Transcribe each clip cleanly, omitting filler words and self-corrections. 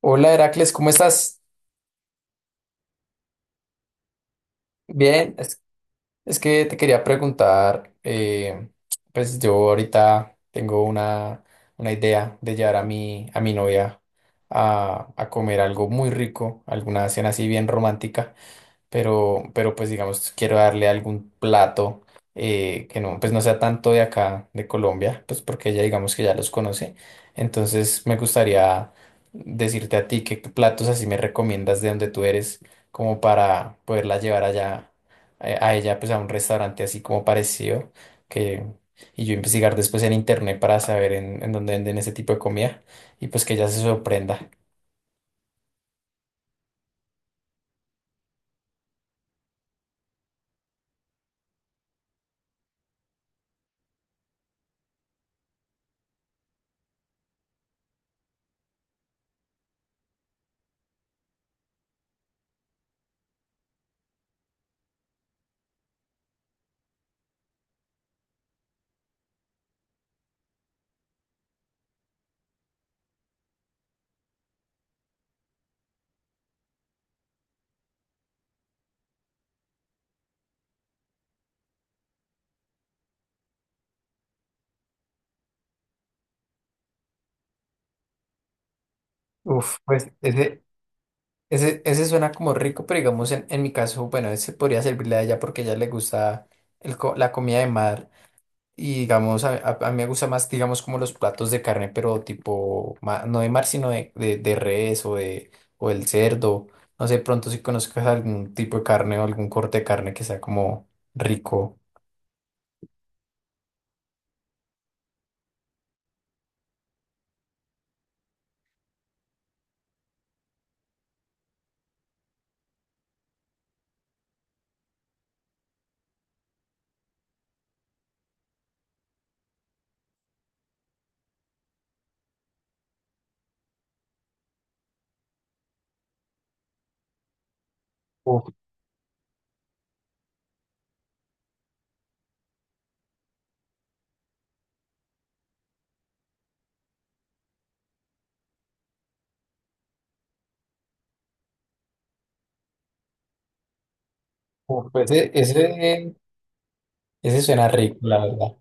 Hola Heracles, ¿cómo estás? Bien, es que te quería preguntar, pues yo ahorita tengo una idea de llevar a mi novia a comer algo muy rico, alguna cena así bien romántica. Pero pues digamos, quiero darle algún plato que no, pues no sea tanto de acá, de Colombia, pues porque ella digamos que ya los conoce. Entonces me gustaría decirte a ti qué platos así me recomiendas de donde tú eres, como para poderla llevar allá, a ella, pues a un restaurante así como parecido, que, y yo investigar después en internet para saber en dónde venden ese tipo de comida y pues que ella se sorprenda. Uf, pues ese suena como rico, pero digamos en mi caso, bueno, ese podría servirle a ella porque a ella le gusta la comida de mar y digamos, a mí me gusta más, digamos, como los platos de carne, pero tipo, no de mar, sino de res o de o del cerdo. No sé, pronto si conozcas algún tipo de carne o algún corte de carne que sea como rico. Uf, uf, ese suena rico, la verdad.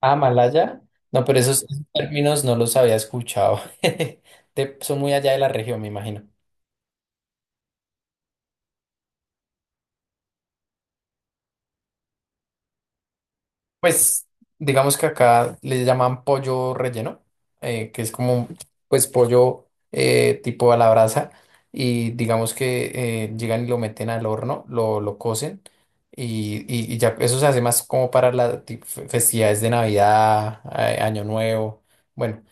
Ah, Malaya. No, pero sí. Esos términos no los había escuchado. Son muy allá de la región, me imagino. Pues digamos que acá le llaman pollo relleno, que es como pues pollo tipo a la brasa y digamos que llegan y lo meten al horno, lo cocen y ya eso se hace más como para las festividades de Navidad, Año Nuevo. Bueno,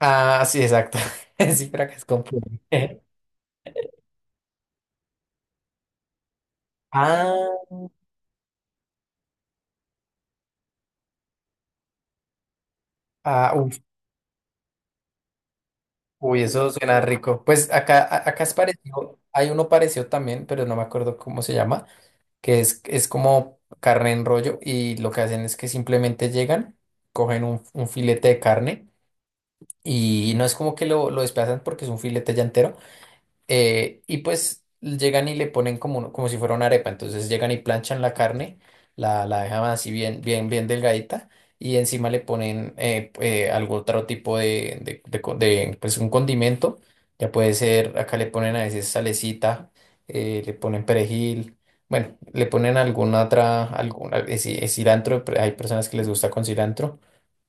ah, sí, exacto. Sí, pero acá es con pollo. Ah. Ah, uf, uy, eso suena rico. Pues acá, acá es parecido, hay uno parecido también, pero no me acuerdo cómo se llama, que es como carne en rollo y lo que hacen es que simplemente llegan, cogen un filete de carne y no es como que lo desplazan porque es un filete ya entero. Y pues llegan y le ponen como, como si fuera una arepa. Entonces llegan y planchan la carne, la dejan así bien, bien, bien delgadita. Y encima le ponen algún otro tipo de, pues un condimento. Ya puede ser, acá le ponen a veces salecita, le ponen perejil. Bueno, le ponen alguna otra, alguna, cilantro. Pero hay personas que les gusta con cilantro.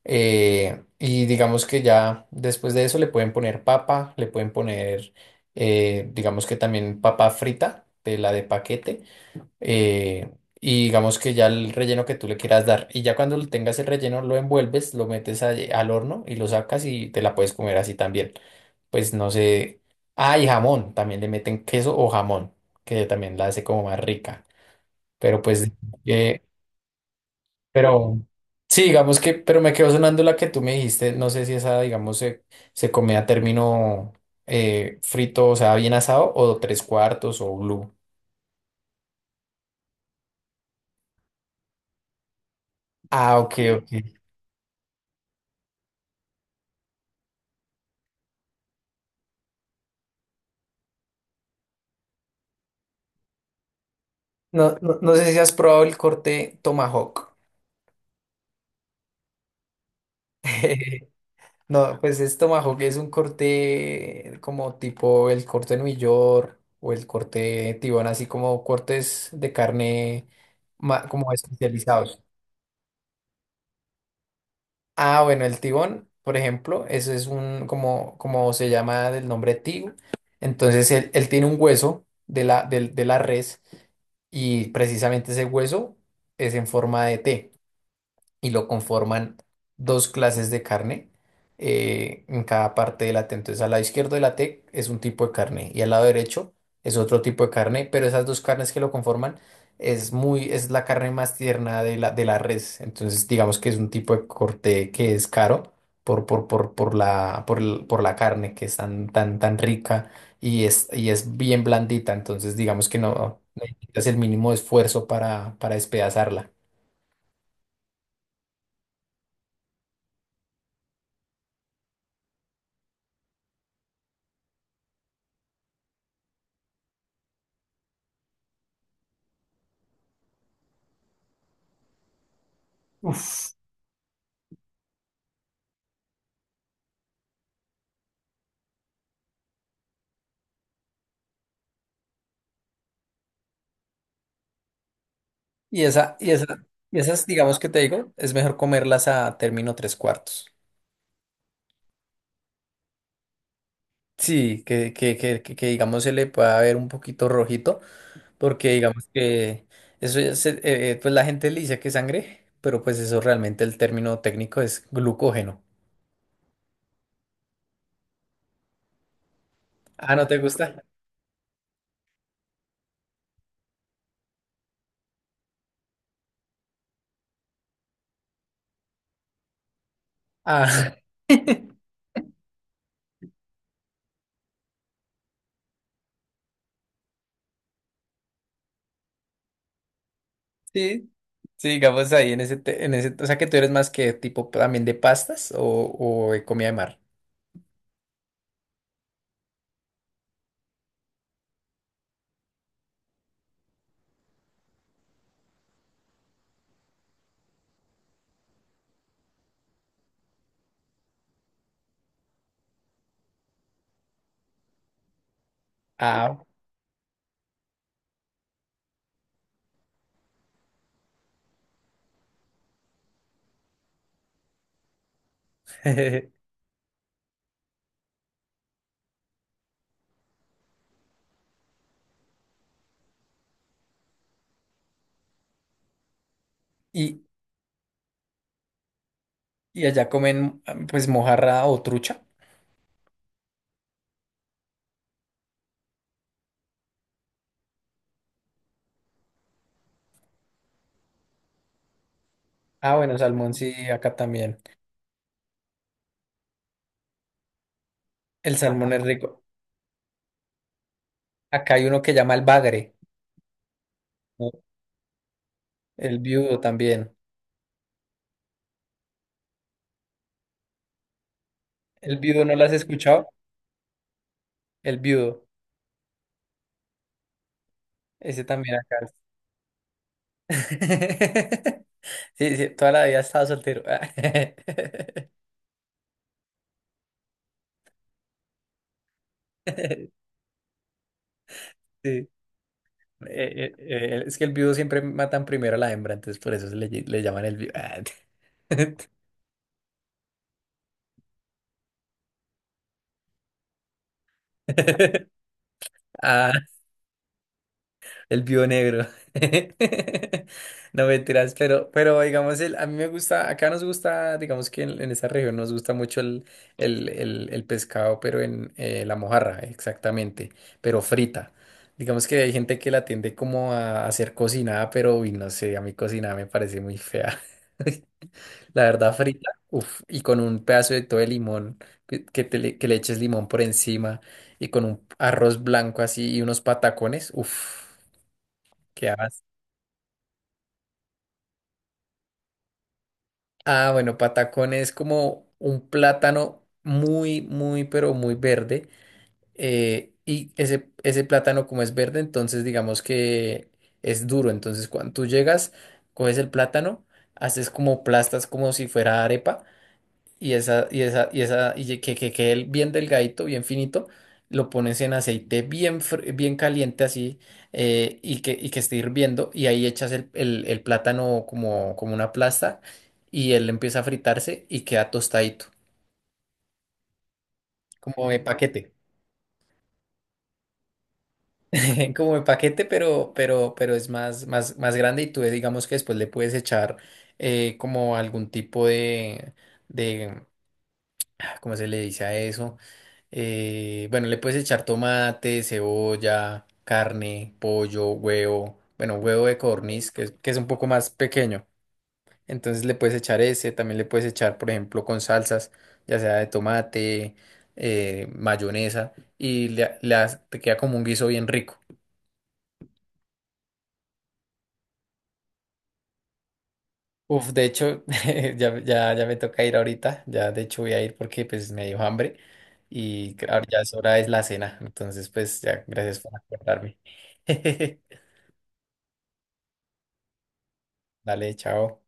Y digamos que ya después de eso le pueden poner papa, le pueden poner, digamos que también papa frita, de la de paquete, eh, y digamos que ya el relleno que tú le quieras dar. Y ya cuando tengas el relleno lo envuelves, lo metes al horno y lo sacas y te la puedes comer así también. Pues no sé. Ah, y jamón, también le meten queso o jamón, que también la hace como más rica. Pero pues eh, pero sí, digamos que, pero me quedó sonando la que tú me dijiste. No sé si esa, digamos, se come a término frito, o sea, bien asado, o tres cuartos o blue. Ah, ok, ok. No, no, no sé si has probado el corte tomahawk. No, pues es tomahawk, es un corte como tipo el corte New York o el corte tibón, así como cortes de carne como especializados. Ah, bueno, el tibón, por ejemplo, ese es un, como, como se llama del nombre tigo. Entonces, él tiene un hueso de la, de la res y precisamente ese hueso es en forma de T y lo conforman dos clases de carne en cada parte de la T. Entonces, al lado izquierdo de la T es un tipo de carne y al lado derecho es otro tipo de carne, pero esas dos carnes que lo conforman es muy, es la carne más tierna de la res. Entonces, digamos que es un tipo de corte que es caro. Por por la carne que es tan, tan, tan rica y es bien blandita, entonces digamos que no necesitas el mínimo esfuerzo para despedazarla. Uf. Y esa, y esa, y esas, digamos que te digo, es mejor comerlas a término tres cuartos. Sí, digamos se le pueda ver un poquito rojito, porque digamos que eso ya pues la gente le dice que es sangre, pero pues eso realmente el término técnico es glucógeno. Ah, ¿no te gusta? Ah, sí, sí, digamos ahí en ese, o sea que tú eres más que tipo también de pastas o de comida de mar. Ah, y, y allá comen pues mojarra o trucha. Ah, bueno, salmón sí, acá también. El salmón es rico. Acá hay uno que llama el bagre, ¿no? El viudo también. ¿El viudo no lo has escuchado? El viudo, ese también acá. Sí, sí, toda la vida he estado soltero. Sí. Es que el viudo siempre matan primero a la hembra, entonces por eso le llaman el viudo. Ah, el viudo negro. No mentiras, pero digamos, el, a mí me gusta, acá nos gusta, digamos que en esa región nos gusta mucho el pescado, pero en la mojarra, exactamente, pero frita. Digamos que hay gente que la tiende como a, hacer cocinada, pero uy, no sé, a mí cocinada me parece muy fea. La verdad, frita, uff, y con un pedazo de todo de limón, que le eches limón por encima, y con un arroz blanco así y unos patacones, uff. ¿Qué haces? Ah, bueno, patacón es como un plátano muy, muy, pero muy verde. Y ese plátano como es verde, entonces digamos que es duro. Entonces cuando tú llegas, coges el plátano, haces como plastas como si fuera arepa. Que quede bien delgadito, bien finito, lo pones en aceite bien caliente así, y que esté hirviendo, y ahí echas el plátano como, como una plasta, y él empieza a fritarse y queda tostadito, como de paquete, como de paquete, pero es más, más, más grande, y tú digamos que después le puedes echar como algún tipo de, ¿cómo se le dice a eso? Bueno, le puedes echar tomate, cebolla, carne, pollo, huevo, bueno, huevo de codorniz, que es un poco más pequeño. Entonces le puedes echar ese, también le puedes echar, por ejemplo, con salsas, ya sea de tomate, mayonesa, y te queda como un guiso bien rico. Uf, de hecho, ya me toca ir ahorita, ya de hecho voy a ir porque pues me dio hambre y ahora es la cena, entonces pues ya, gracias por acordarme. Dale, chao.